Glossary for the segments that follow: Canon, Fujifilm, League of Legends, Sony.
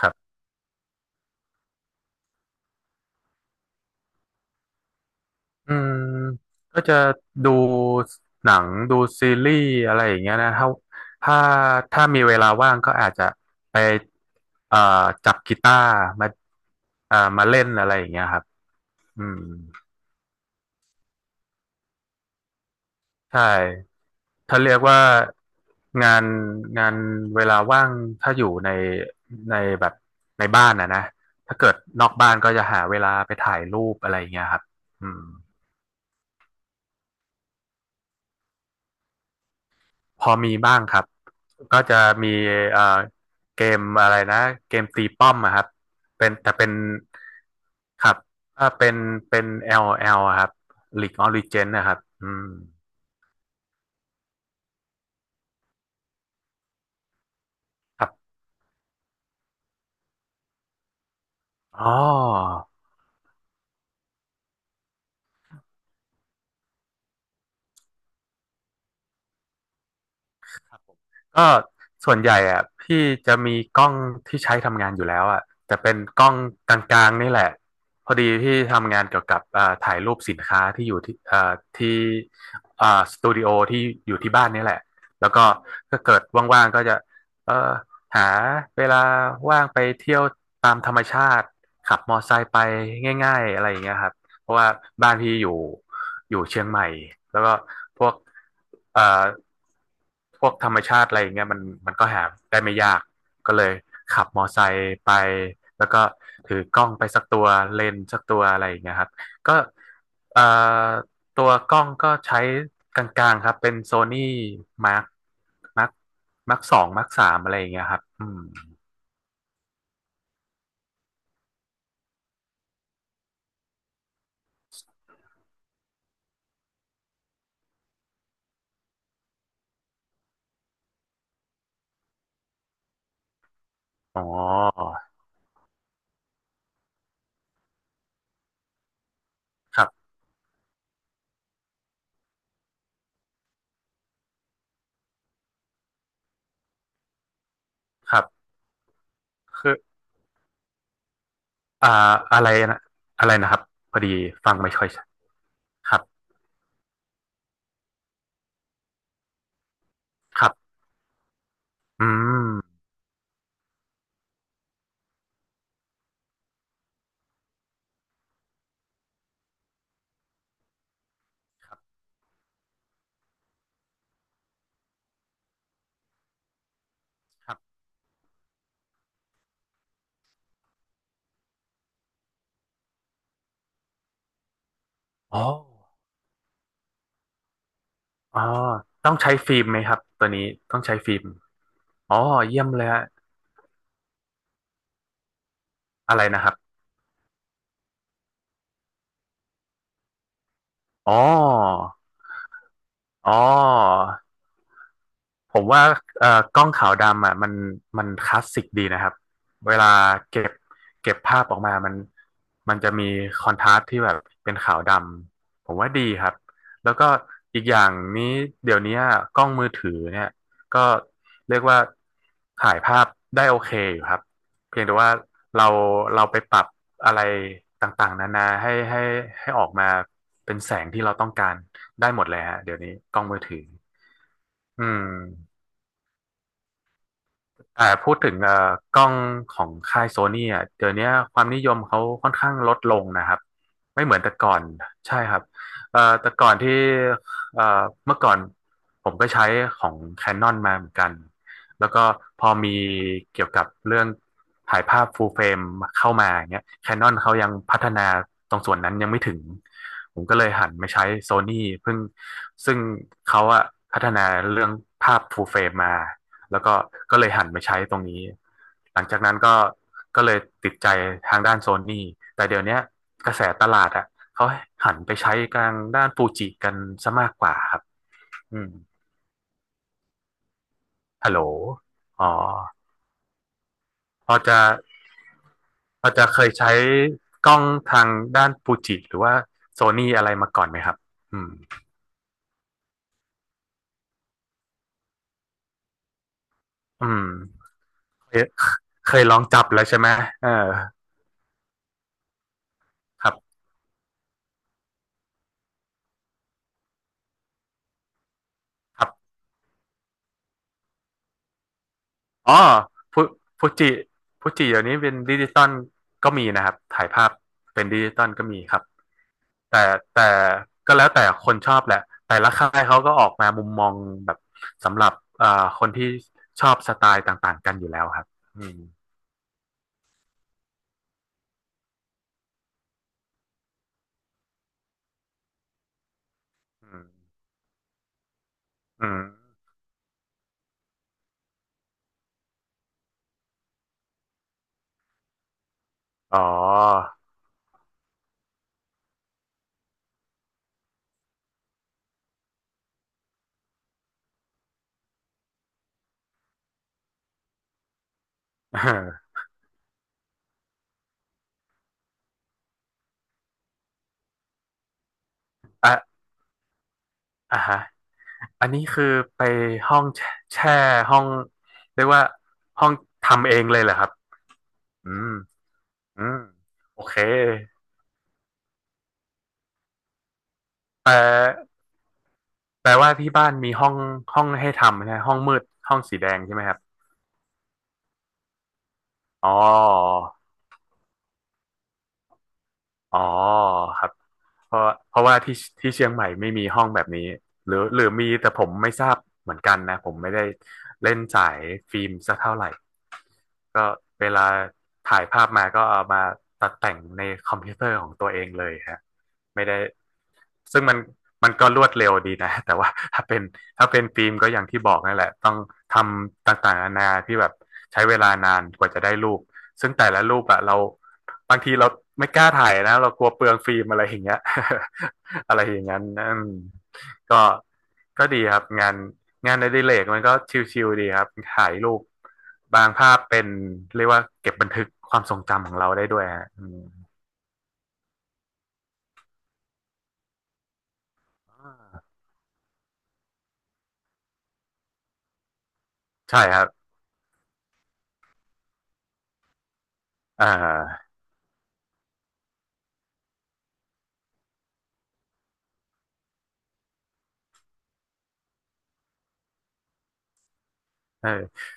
ครับอืมก็จะดูหนังดูซีรีส์อะไรอย่างเงี้ยนะถ้าถ้ามีเวลาว่างก็อาจจะไปเอ่อจับกีตาร์มามาเล่นอะไรอย่างเงี้ยครับอืมใช่ถ้าเรียกว่างานงานเวลาว่างถ้าอยู่ในแบบในบ้านนะนะถ้าเกิดนอกบ้านก็จะหาเวลาไปถ่ายรูปอะไรอย่างเงี้ยครับอืม พอมีบ้างครับก็จะมีเอ่อเกมอะไรนะ เกมตีป้อมอะครับ เป็นแต่เป็นครับถ้าเป็น l l อแอลอะครับ League of Legends นะครับอืมครับอ๋อ ก็ส่วนใหญ่อะพี่จะมีกล้องที่ใช้ทำงานอยู่แล้วอะแต่เป็นกล้องกลางๆนี่แหละพอดีพี่ทำงานเกี่ยวกับถ่ายรูปสินค้าที่อยู่ที่ที่สตูดิโอที่อยู่ที่บ้านนี่แหละแล้วก็เกิดว่างๆก็จะเอ่อหาเวลาว่างไปเที่ยวตามธรรมชาติขับมอไซค์ไปง่ายๆอะไรอย่างเงี้ยครับ เพราะว่าบ้านพี่อยู่เชียงใหม่แล้วก็พวกเอ่อพวกธรรมชาติอะไรอย่างเงี้ยมันก็หาได้ไม่ยากก็เลยขับมอไซค์ไปแล้วก็ถือกล้องไปสักตัวเลนส์สักตัวอะไรอย่างเงี้ยครับก็เอ่อตัวกล้องก็ใช้กลางๆครับเป็นโซนี่มาร์คมาร์คมาร์คสองมาร์คสามอะไรอย่างเงี้ยครับอืมอ๋อครับครับคือ อ่าอะไรนะอะไรนะครับพอดีฟังไม่ค่อยชัดครับครับอืมครับอ๋ออ๋อต้องใช้ฟิล์มไหมครับตัวนี้ต้องใช้ฟิล์มอ๋อเยี่ยมเลยฮะอะไรนะครับอ๋ออ๋อ ผมว่าเอ่อกล้องขาวดำอ่ะมันคลาสสิกดีนะครับเวลาเก็บเก็บภาพออกมามันจะมีคอนทราสต์ที่แบบเป็นขาวดำผมว่าดีครับแล้วก็อีกอย่างนี้เดี๋ยวนี้กล้องมือถือเนี่ยก็เรียกว่าถ่ายภาพได้โอเคอยู่ครับเพียงแต่ว่าเราเราไปปรับอะไรต่างๆนานาให้ออกมาเป็นแสงที่เราต้องการได้หมดเลยฮะเดี๋ยวนี้กล้องมือถืออืม อ่าพูดถึงกล้องของค่ายโซนี่อ่ะเดี๋ยวนี้ความนิยมเขาค่อนข้างลดลงนะครับไม่เหมือนแต่ก่อนใช่ครับแต่ก่อนที่เมื่อก่อนผมก็ใช้ของแค n น n นมาเหมือนกันแล้วก็พอมีเกี่ยวกับเรื่องถ่ายภาพฟูลเฟรมเข้ามาอย่างเงี้ยแคนนอนเขายังพัฒนาตรงส่วนนั้นยังไม่ถึงผมก็เลยหันมาใช้โซนี่เพิ่งซึ่งเขาอะพัฒนาเรื่องภาพฟูลเฟรมมา แล้วก็ก็เลยหันมาใช้ตรงนี้ หลังจากนั้นก็เลยติดใจทางด้านโซนี่แต่เดี๋ยวเนี้ยกระแสตลาดอ่ะเขาหันไปใช้กลางด้านฟูจิกันซะมากกว่าครับอืมฮัลโหลอ๋อพอจะพอจะเคยใช้กล้องทางด้านฟูจิหรือว่าโซนี่อะไรมาก่อนไหมครับ อืมอืมเคยเคยลองจับแล้วใช่ไหมเออครับครับ อ๋อฟูฟูจิฟูจิเดี๋ยวนี้เป็นดิจิตอลก็มีนะครับถ่ายภาพเป็นดิจิตอลก็มีครับแต่แต่ก็แล้วแต่คนชอบแหละแต่ละค่ายเขาก็ออกมามุมมองแบบสำหรับเอ่อคนที่ชอบสไตล์ต่างๆกันอยู่แล้วครับอืมอืมอืมอ๋อ เอออ่ะอ่ะฮะอันนี้คือไปห้องแช่ห้องเรียกว่าห้องทำเองเลยเหรอครับอืมอืมโอเคแต่ แปลว่าที่บ้านมีห้องให้ทำนะห้องมืดห้องสีแดงใช่ไหมครับอ๋ออ๋อครับเพราะเพราะว่าที่เชียงใหม่ไม่มีห้องแบบนี้หรือมีแต่ผมไม่ทราบเหมือนกันนะผมไม่ได้เล่นสายฟิล์มสักเท่าไหร่ ก็เวลาถ่ายภาพมาก็เอามาตัดแต่งในคอมพิวเตอร์ของตัวเองเลยฮะไม่ได้ซึ่งมันก็รวดเร็วดีนะ แต่ว่าถ้าเป็นฟิล์มก็อย่างที่บอกนั่นแหละต้องทำต่างๆนานาที่แบบใช้เวลานานกว่าจะได้รูปซึ่งแต่ละรูปอะเราบางทีเราไม่กล้าถ่ายนะเรากลัวเปลืองฟิล์มอะไรอย่างเงี้ย อะไรอย่างนั้นอืมก็ก็ดีครับงาน งานอดิเรกมันก็ชิลๆดีครับถ่ายรูปบางภาพเป็นเรียกว่าเก็บบันทึกความทรงจำของเราได้ด้วยฮะอืมใช่ครับอ่าเออ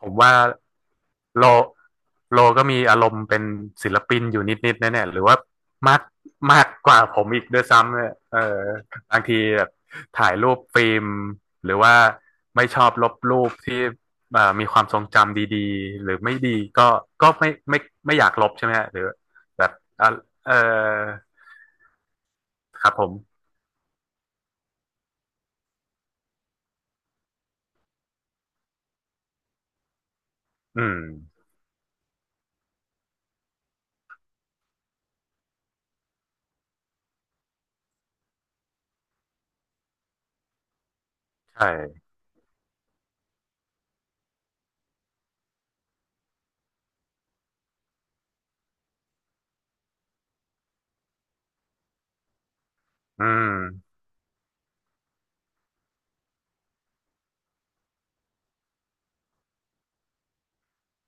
ผมว่า โลโลก็มีอารมณ์เป็นศิลปินอยู่นิดๆแน่ๆหรือว่ามากมากกว่าผมอีกด้วยซ้ำเนี่ยเออบางทีแบบถ่ายรูปฟิล์มหรือว่าไม่ชอบลบรูปที่มีความทรงจำดีๆหรือไม่ดีก็ก็ไม่ไม่ไม่อยากลบใช่ไหมฮะหรือแบบอ่ะเออครับผมอืมใช่อืม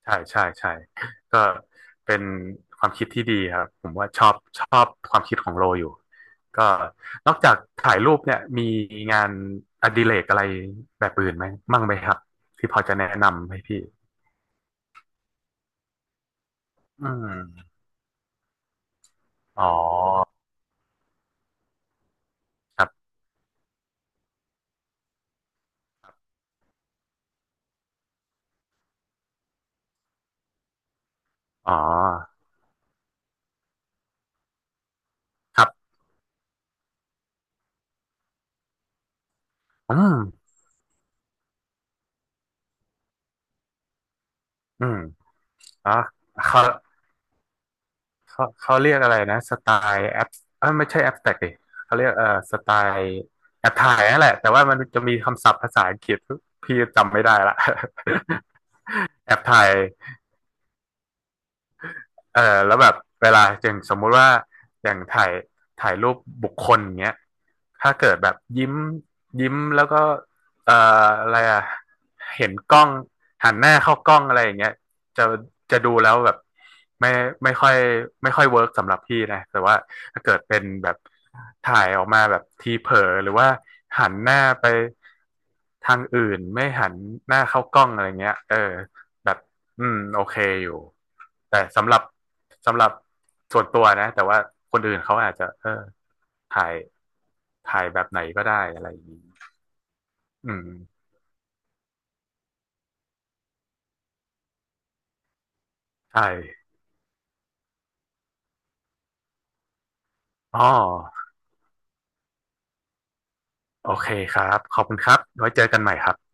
ใช่ใช่ใช่ก็เป็นความคิดที่ดีครับผมว่าชอบความคิดของโลอยู่ก็นอกจากถ่ายรูปเนี่ยมีงานอดิเรกอะไรแบบอื่นไหมมั่งไหมครับที่พอจะแนะนำให้พี่อืมอ๋อครับอ๋อครับอืมอืมอ๋อเขา เขาเรียกอะไรนะสไตล์แอปเอยไม่ใช่แอปแตกดิเขาเรียกสไตล์แอปถ่ายนั่นแหละแต่ว่ามันจะมีคำศัพท์ภาษาอังกฤษพี่จำไม่ได้ละ แอปถ่าย เออแล้วแบบเวลาอย่างสมมุติว่าอย่างถ่ายรูปบุคคลอย่างเงี้ยถ้าเกิดแบบยิ้มแล้วก็อะไรอ่ะเห็นกล้องหันหน้าเข้ากล้องอะไรอย่างเงี้ยจะจะดูแล้วแบบไม่ไม่ค่อยไม่ค่อยเวิร์กสำหรับพี่นะแต่ว่าถ้าเกิดเป็นแบบถ่ายออกมาแบบทีเผลอหรือว่าหันหน้าไปทางอื่นไม่หันหน้าเข้ากล้องอะไรเงี้ยเออแบบอืมโอเคอยู่แต่สำหรับ สำหรับส่วนตัวนะแต่ว่าคนอื่นเขาอาจจะเออถ่ายถ่ายแบบไหนก็ได้อะไรอย่างนี้อืมใช่อ๋อโอเคครับขอบคุณครับไว้เจอกันใหม่ครับ